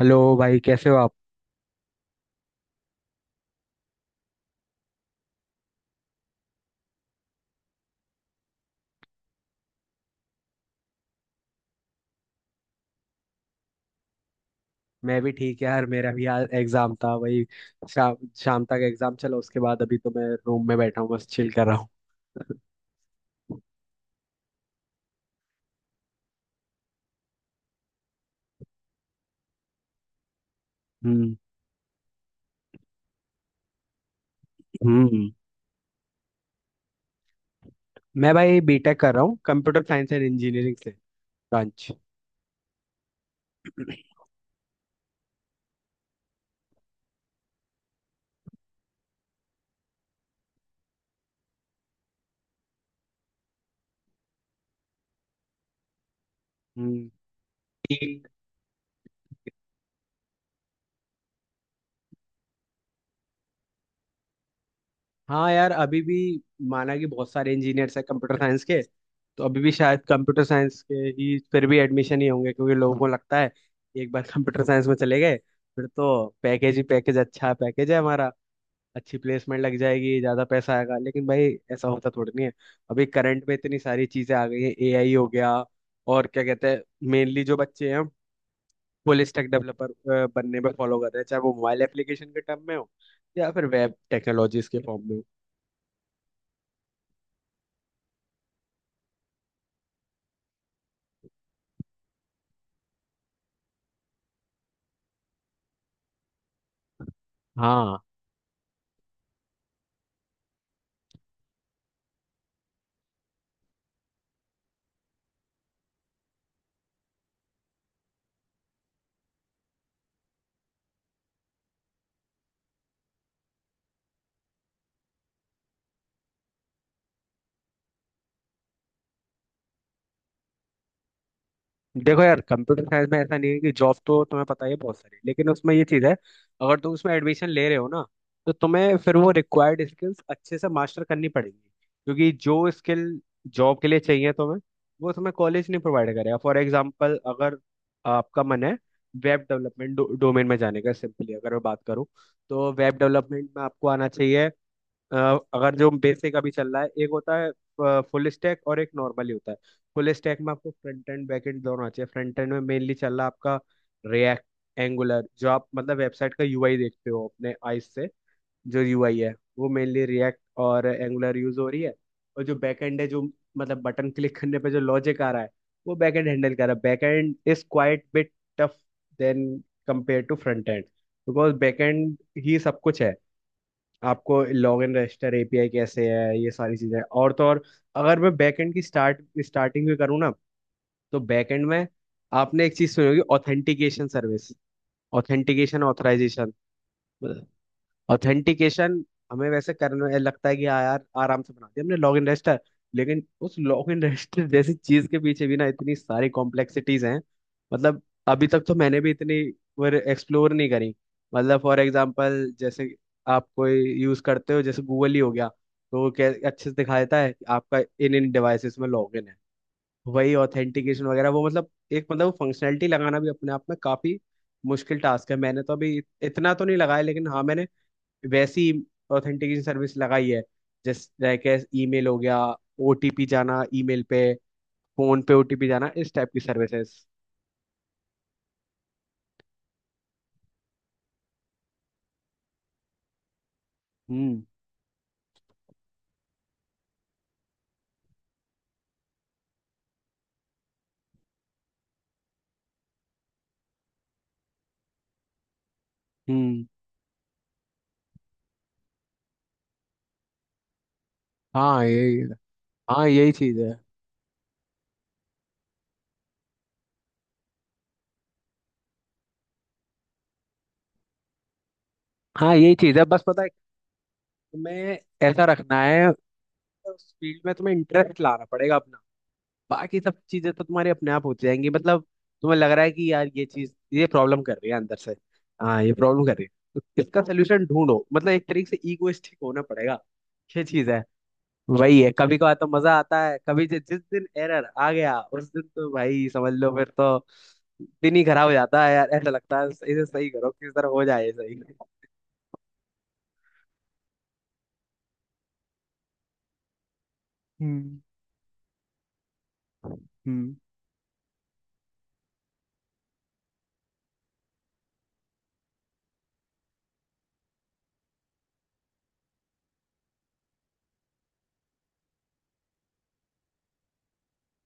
Hello भाई, कैसे हो आप। मैं भी ठीक यार, मेरा भी यार एग्जाम था। वही शाम शाम तक एग्जाम चला, उसके बाद अभी तो मैं रूम में बैठा हूँ, बस चिल कर रहा हूँ। हम्म। हम्म। मैं भाई B.Tech कर रहा हूँ, कंप्यूटर साइंस एंड इंजीनियरिंग से ब्रांच। हम्म। ठीक। हाँ यार, अभी भी माना कि बहुत सारे इंजीनियर्स हैं कंप्यूटर साइंस के, तो अभी भी शायद कंप्यूटर साइंस के ही फिर भी एडमिशन ही होंगे, क्योंकि लोगों को लगता है कि एक बार कंप्यूटर साइंस में चले गए फिर तो पैकेज ही पैकेज, अच्छा पैकेज है हमारा, अच्छी प्लेसमेंट लग जाएगी, ज्यादा पैसा आएगा। लेकिन भाई ऐसा होता थोड़ी नहीं है। अभी करंट में इतनी सारी चीजें आ गई हैं, एआई हो गया और क्या कहते हैं, मेनली जो बच्चे हैं फुल स्टैक डेवलपर बनने में फॉलो कर रहे हैं, चाहे वो मोबाइल एप्लीकेशन के टर्म में हो या फिर वेब टेक्नोलॉजीज के फॉर्म में हो। हाँ, देखो यार कंप्यूटर साइंस में ऐसा नहीं है, कि जॉब तो तुम्हें पता ही है बहुत सारी, लेकिन उसमें ये चीज़ है, अगर तुम उसमें एडमिशन ले रहे हो ना, तो तुम्हें फिर वो रिक्वायर्ड स्किल्स अच्छे से मास्टर करनी पड़ेंगी, क्योंकि जो स्किल जॉब के लिए चाहिए तुम्हें, वो तुम्हें कॉलेज नहीं प्रोवाइड करेगा। फॉर एग्जाम्पल, अगर आपका मन है वेब डेवलपमेंट डोमेन में जाने का, सिंपली अगर मैं बात करूँ, तो वेब डेवलपमेंट में आपको आना चाहिए। अ, अगर जो बेसिक अभी चल रहा है, एक होता है फुल स्टैक और एक नॉर्मली होता है। फुल स्टैक में आपको फ्रंट एंड बैक एंड दोनों चाहिए। फ्रंट एंड में मेनली चल रहा है आपका रिएक्ट एंगुलर, जो आप मतलब वेबसाइट का यूआई देखते हो अपने आईज से, जो यूआई है वो मेनली रिएक्ट और एंगुलर यूज हो रही है। और जो बैक एंड है, जो मतलब बटन क्लिक करने पे जो लॉजिक आ रहा है, वो बैक एंड हैंडल कर रहा है। Back end is quite bit tough then compare to front end, because back end ही सब कुछ है। आपको लॉग इन रजिस्टर एपीआई कैसे है, ये सारी चीजें, और तो और अगर मैं बैकएंड की स्टार्टिंग में करूँ ना, तो बैकएंड में आपने एक चीज सुनी होगी, authentication service, authentication, authorization. Authentication हमें वैसे करना लगता है कि हाँ यार आराम से बना दिया हमने लॉग इन रजिस्टर, लेकिन उस लॉग इन रजिस्टर जैसी चीज के पीछे भी ना इतनी सारी कॉम्प्लेक्सिटीज हैं। मतलब अभी तक तो मैंने भी इतनी एक्सप्लोर नहीं करी। मतलब फॉर एग्जांपल, जैसे आप कोई यूज करते हो, जैसे गूगल ही हो गया, तो वो क्या अच्छे से दिखा देता है कि आपका इन इन डिवाइसेस में लॉग इन है। वही ऑथेंटिकेशन वगैरह वो मतलब एक मतलब फंक्शनैलिटी लगाना भी अपने आप में काफी मुश्किल टास्क है। मैंने तो अभी इतना तो नहीं लगाया, लेकिन हाँ मैंने वैसी ऑथेंटिकेशन सर्विस लगाई है, जैसे कैसे ईमेल हो गया, ओटीपी जाना ईमेल पे, फोन पे ओटीपी जाना, इस टाइप की सर्विसेज। हम्म। हम्म। हाँ यही हाँ यही चीज है हाँ यही चीज है, बस पता है तुम्हें, ऐसा रखना है, उस फील्ड में तुम्हें इंटरेस्ट लाना पड़ेगा अपना। बाकी सब चीजें तो तुम्हारी अपने आप होती जाएंगी। मतलब तुम्हें लग रहा है कि यार ये चीज ये प्रॉब्लम कर रही है अंदर से, हाँ ये प्रॉब्लम कर रही है, तो इसका सोल्यूशन ढूंढो। मतलब एक तरीके से इगोइस्टिक होना पड़ेगा, ये चीज है। वही है, कभी कभार तो मजा आता है, कभी जिस दिन एरर आ गया उस दिन तो भाई समझ लो, फिर तो दिन ही खराब हो जाता है यार, ऐसा लगता है इसे सही करो, किस तरह हो जाए ये सही। हम्म। हम्म।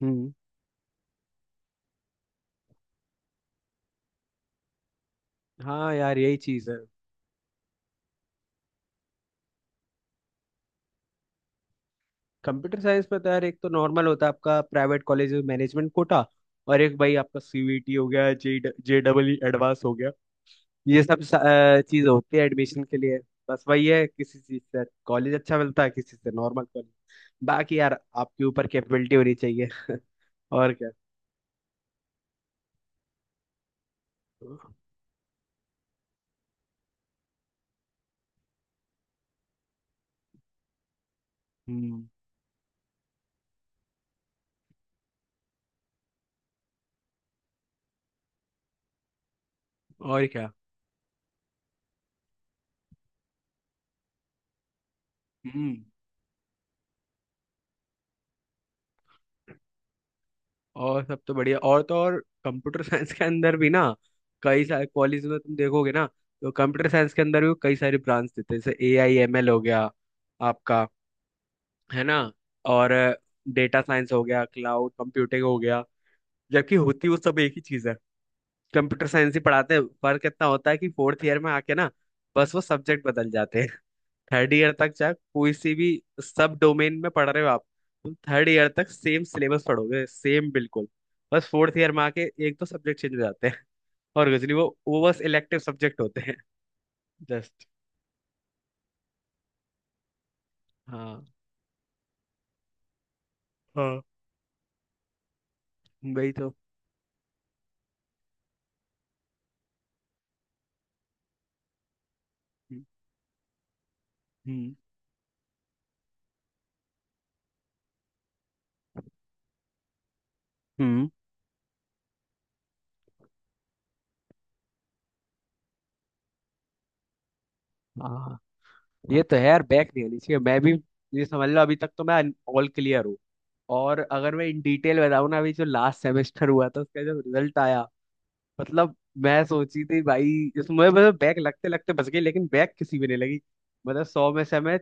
हम्म। हाँ यार, यही चीज है। कंप्यूटर साइंस में तो यार एक तो नॉर्मल होता है आपका प्राइवेट कॉलेज मैनेजमेंट कोटा, और एक भाई आपका सीवीटी हो गया, J J double E advance हो गया, ये सब चीज होती है एडमिशन के लिए। बस वही है, किसी चीज से कॉलेज अच्छा मिलता है, किसी से नॉर्मल कॉलेज। बाकी यार आपके ऊपर कैपेबिलिटी होनी चाहिए। और क्या। हम्म। और क्या। हम्म। और सब तो बढ़िया, और तो और कंप्यूटर साइंस के अंदर भी ना कई सारे कॉलेज में तुम देखोगे ना, तो कंप्यूटर साइंस के अंदर भी कई सारी ब्रांच देते हैं, जैसे AIML हो गया आपका, है ना। और डेटा साइंस हो गया, क्लाउड कंप्यूटिंग हो गया, जबकि होती वो सब एक ही चीज है, कंप्यूटर साइंस ही पढ़ाते हैं। फर्क इतना होता है कि फोर्थ ईयर में आके ना बस वो सब्जेक्ट बदल जाते हैं। थर्ड ईयर तक चाहे कोई सी भी सब डोमेन में पढ़ रहे हो आप, तुम थर्ड ईयर तक सेम सिलेबस पढ़ोगे, सेम बिल्कुल। बस फोर्थ ईयर में आके एक तो सब्जेक्ट चेंज हो जाते हैं और कुछ नहीं, वो बस इलेक्टिव सब्जेक्ट होते हैं जस्ट। हाँ हाँ, वही तो। हम्म। हम्म। हम्म। हाँ, ये तो है यार, बैक नहीं होनी चाहिए। मैं भी ये समझ लो अभी तक तो मैं ऑल क्लियर हूँ। और अगर मैं इन डिटेल बताऊँ ना, अभी जो लास्ट सेमेस्टर हुआ था उसका जब रिजल्ट आया, मतलब मैं सोची थी भाई इसमें मतलब बैक लगते लगते बच गई, लेकिन बैक किसी भी नहीं लगी। मतलब सौ में से हमें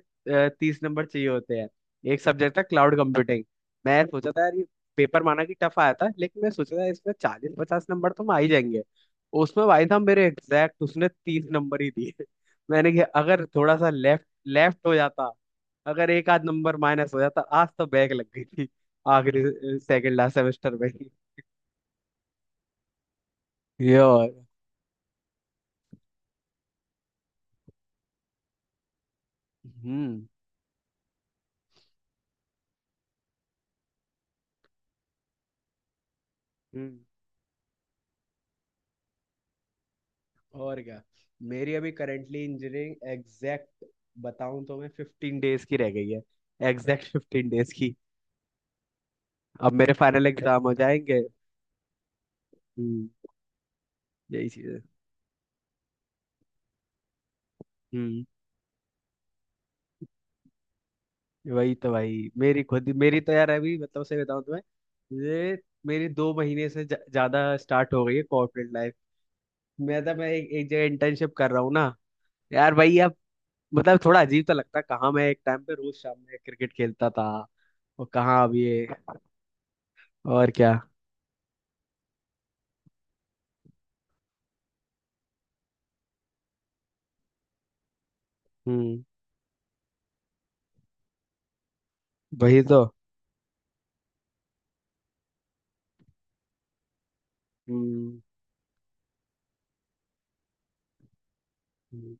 30 नंबर चाहिए होते हैं। एक सब्जेक्ट था क्लाउड कंप्यूटिंग, मैं सोचा था यार ये पेपर माना कि टफ आया था, लेकिन मैं सोचा था इसमें 40-50 नंबर तो आ ही जाएंगे। उसमें भाई साहब मेरे एग्जैक्ट उसने 30 नंबर ही दिए। मैंने कहा अगर थोड़ा सा लेफ्ट लेफ्ट हो जाता, अगर एक आध नंबर माइनस हो जाता आज तो बैक लग गई थी, आखिरी सेकंड लास्ट सेमेस्टर में। ये और। हम्म। हम्म। और क्या, मेरी अभी करेंटली इंजीनियरिंग एग्जैक्ट बताऊं तो मैं 15 डेज की रह गई है, एग्जैक्ट 15 डेज की। अब मेरे फाइनल एग्जाम हो जाएंगे। हम्म, यही चीज है। हम्म, वही तो भाई। मेरी खुद मेरी तो यार अभी मतलब सही बताऊं तुम्हें, ये मेरी 2 महीने से ज्यादा स्टार्ट हो गई है कॉर्पोरेट लाइफ। मैं तो मैं एक जगह इंटर्नशिप कर रहा हूँ ना। यार भाई अब मतलब थोड़ा अजीब तो लगता है, कहाँ मैं एक टाइम पे रोज शाम में क्रिकेट खेलता था, और कहाँ अब ये। और क्या। हम्म, वही तो। हम्म, हम्म।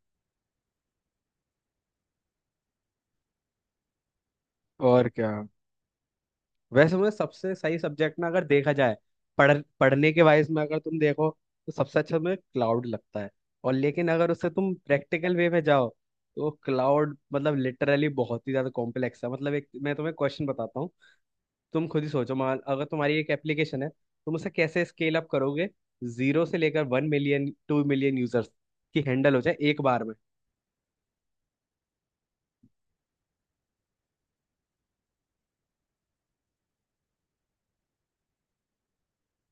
और क्या, वैसे मुझे सबसे सही सब्जेक्ट ना अगर देखा जाए पढ़ने के वाइज में, अगर तुम देखो तो सबसे अच्छा मुझे क्लाउड लगता है। और लेकिन अगर उससे तुम प्रैक्टिकल वे में जाओ, तो क्लाउड मतलब लिटरली बहुत ही ज्यादा कॉम्प्लेक्स है। मतलब एक मैं तुम्हें क्वेश्चन बताता हूँ, तुम खुद ही सोचो, मान अगर तुम्हारी एक एप्लीकेशन है, तुम उसे कैसे स्केल अप करोगे, जीरो से लेकर 1 मिलियन 2 मिलियन यूजर्स की हैंडल हो जाए एक बार में।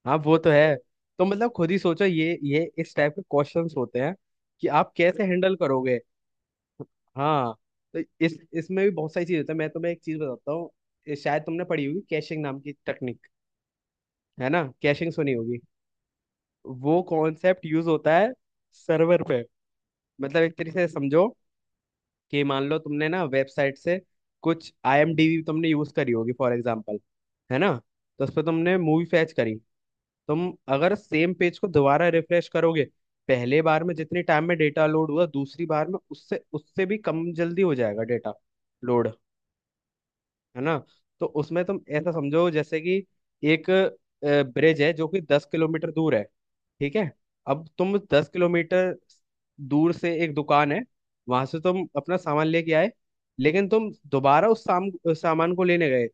हाँ, वो तो है, तो मतलब खुद ही सोचो ये इस टाइप के क्वेश्चंस होते हैं कि आप कैसे हैंडल करोगे। हाँ, तो इस इसमें भी बहुत सारी चीज होता है। मैं तुम्हें एक चीज बताता हूँ, ये शायद तुमने पढ़ी होगी कैशिंग नाम की टेक्निक, है ना। कैशिंग सुनी होगी, वो कॉन्सेप्ट यूज होता है सर्वर पे। मतलब एक तरीके से समझो, कि मान लो तुमने ना वेबसाइट से कुछ आईएमडीबी तुमने यूज करी होगी फॉर एग्जांपल, है ना। तो उस पर तुमने मूवी फैच करी, तुम अगर सेम पेज को दोबारा रिफ्रेश करोगे, पहले बार में जितने टाइम में डेटा लोड हुआ, दूसरी बार में उससे उससे भी कम जल्दी हो जाएगा डेटा लोड, है ना। तो उसमें तुम ऐसा समझो, जैसे कि एक ब्रिज है जो कि 10 किलोमीटर दूर है, ठीक है। अब तुम 10 किलोमीटर दूर से, एक दुकान है वहां से तुम अपना सामान लेके आए, लेकिन तुम दोबारा उस सामान को लेने गए,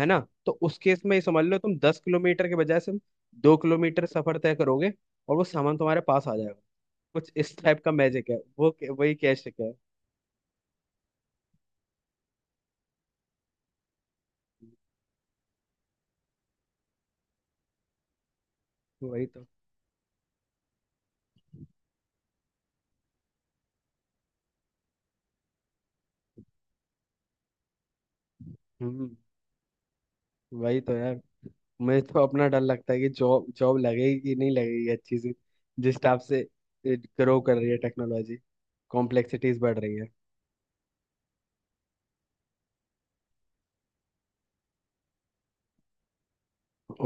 है ना। तो उस केस में ये समझ लो, तुम 10 किलोमीटर के बजाय सिर्फ 2 किलोमीटर सफर तय करोगे, और वो सामान तुम्हारे पास आ जाएगा। कुछ इस टाइप का मैजिक है, वो वही कैश है। वही तो। हम्म, वही तो यार, मुझे तो अपना डर लगता है कि जॉब जॉब लगेगी कि नहीं लगेगी अच्छी सी, जिस टाइप से ग्रो कर रही है टेक्नोलॉजी, कॉम्प्लेक्सिटीज बढ़ रही है।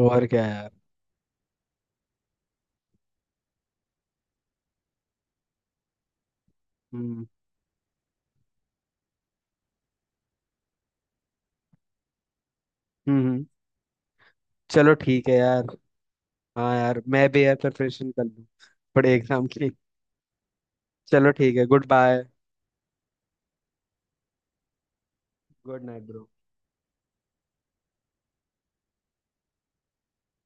और क्या यार। हम्म। हम्म। हम्म। चलो ठीक है यार। हाँ यार, मैं भी यार प्रिपरेशन कर लूँ बड़े एग्जाम की। चलो ठीक है, good bye. Good night bro.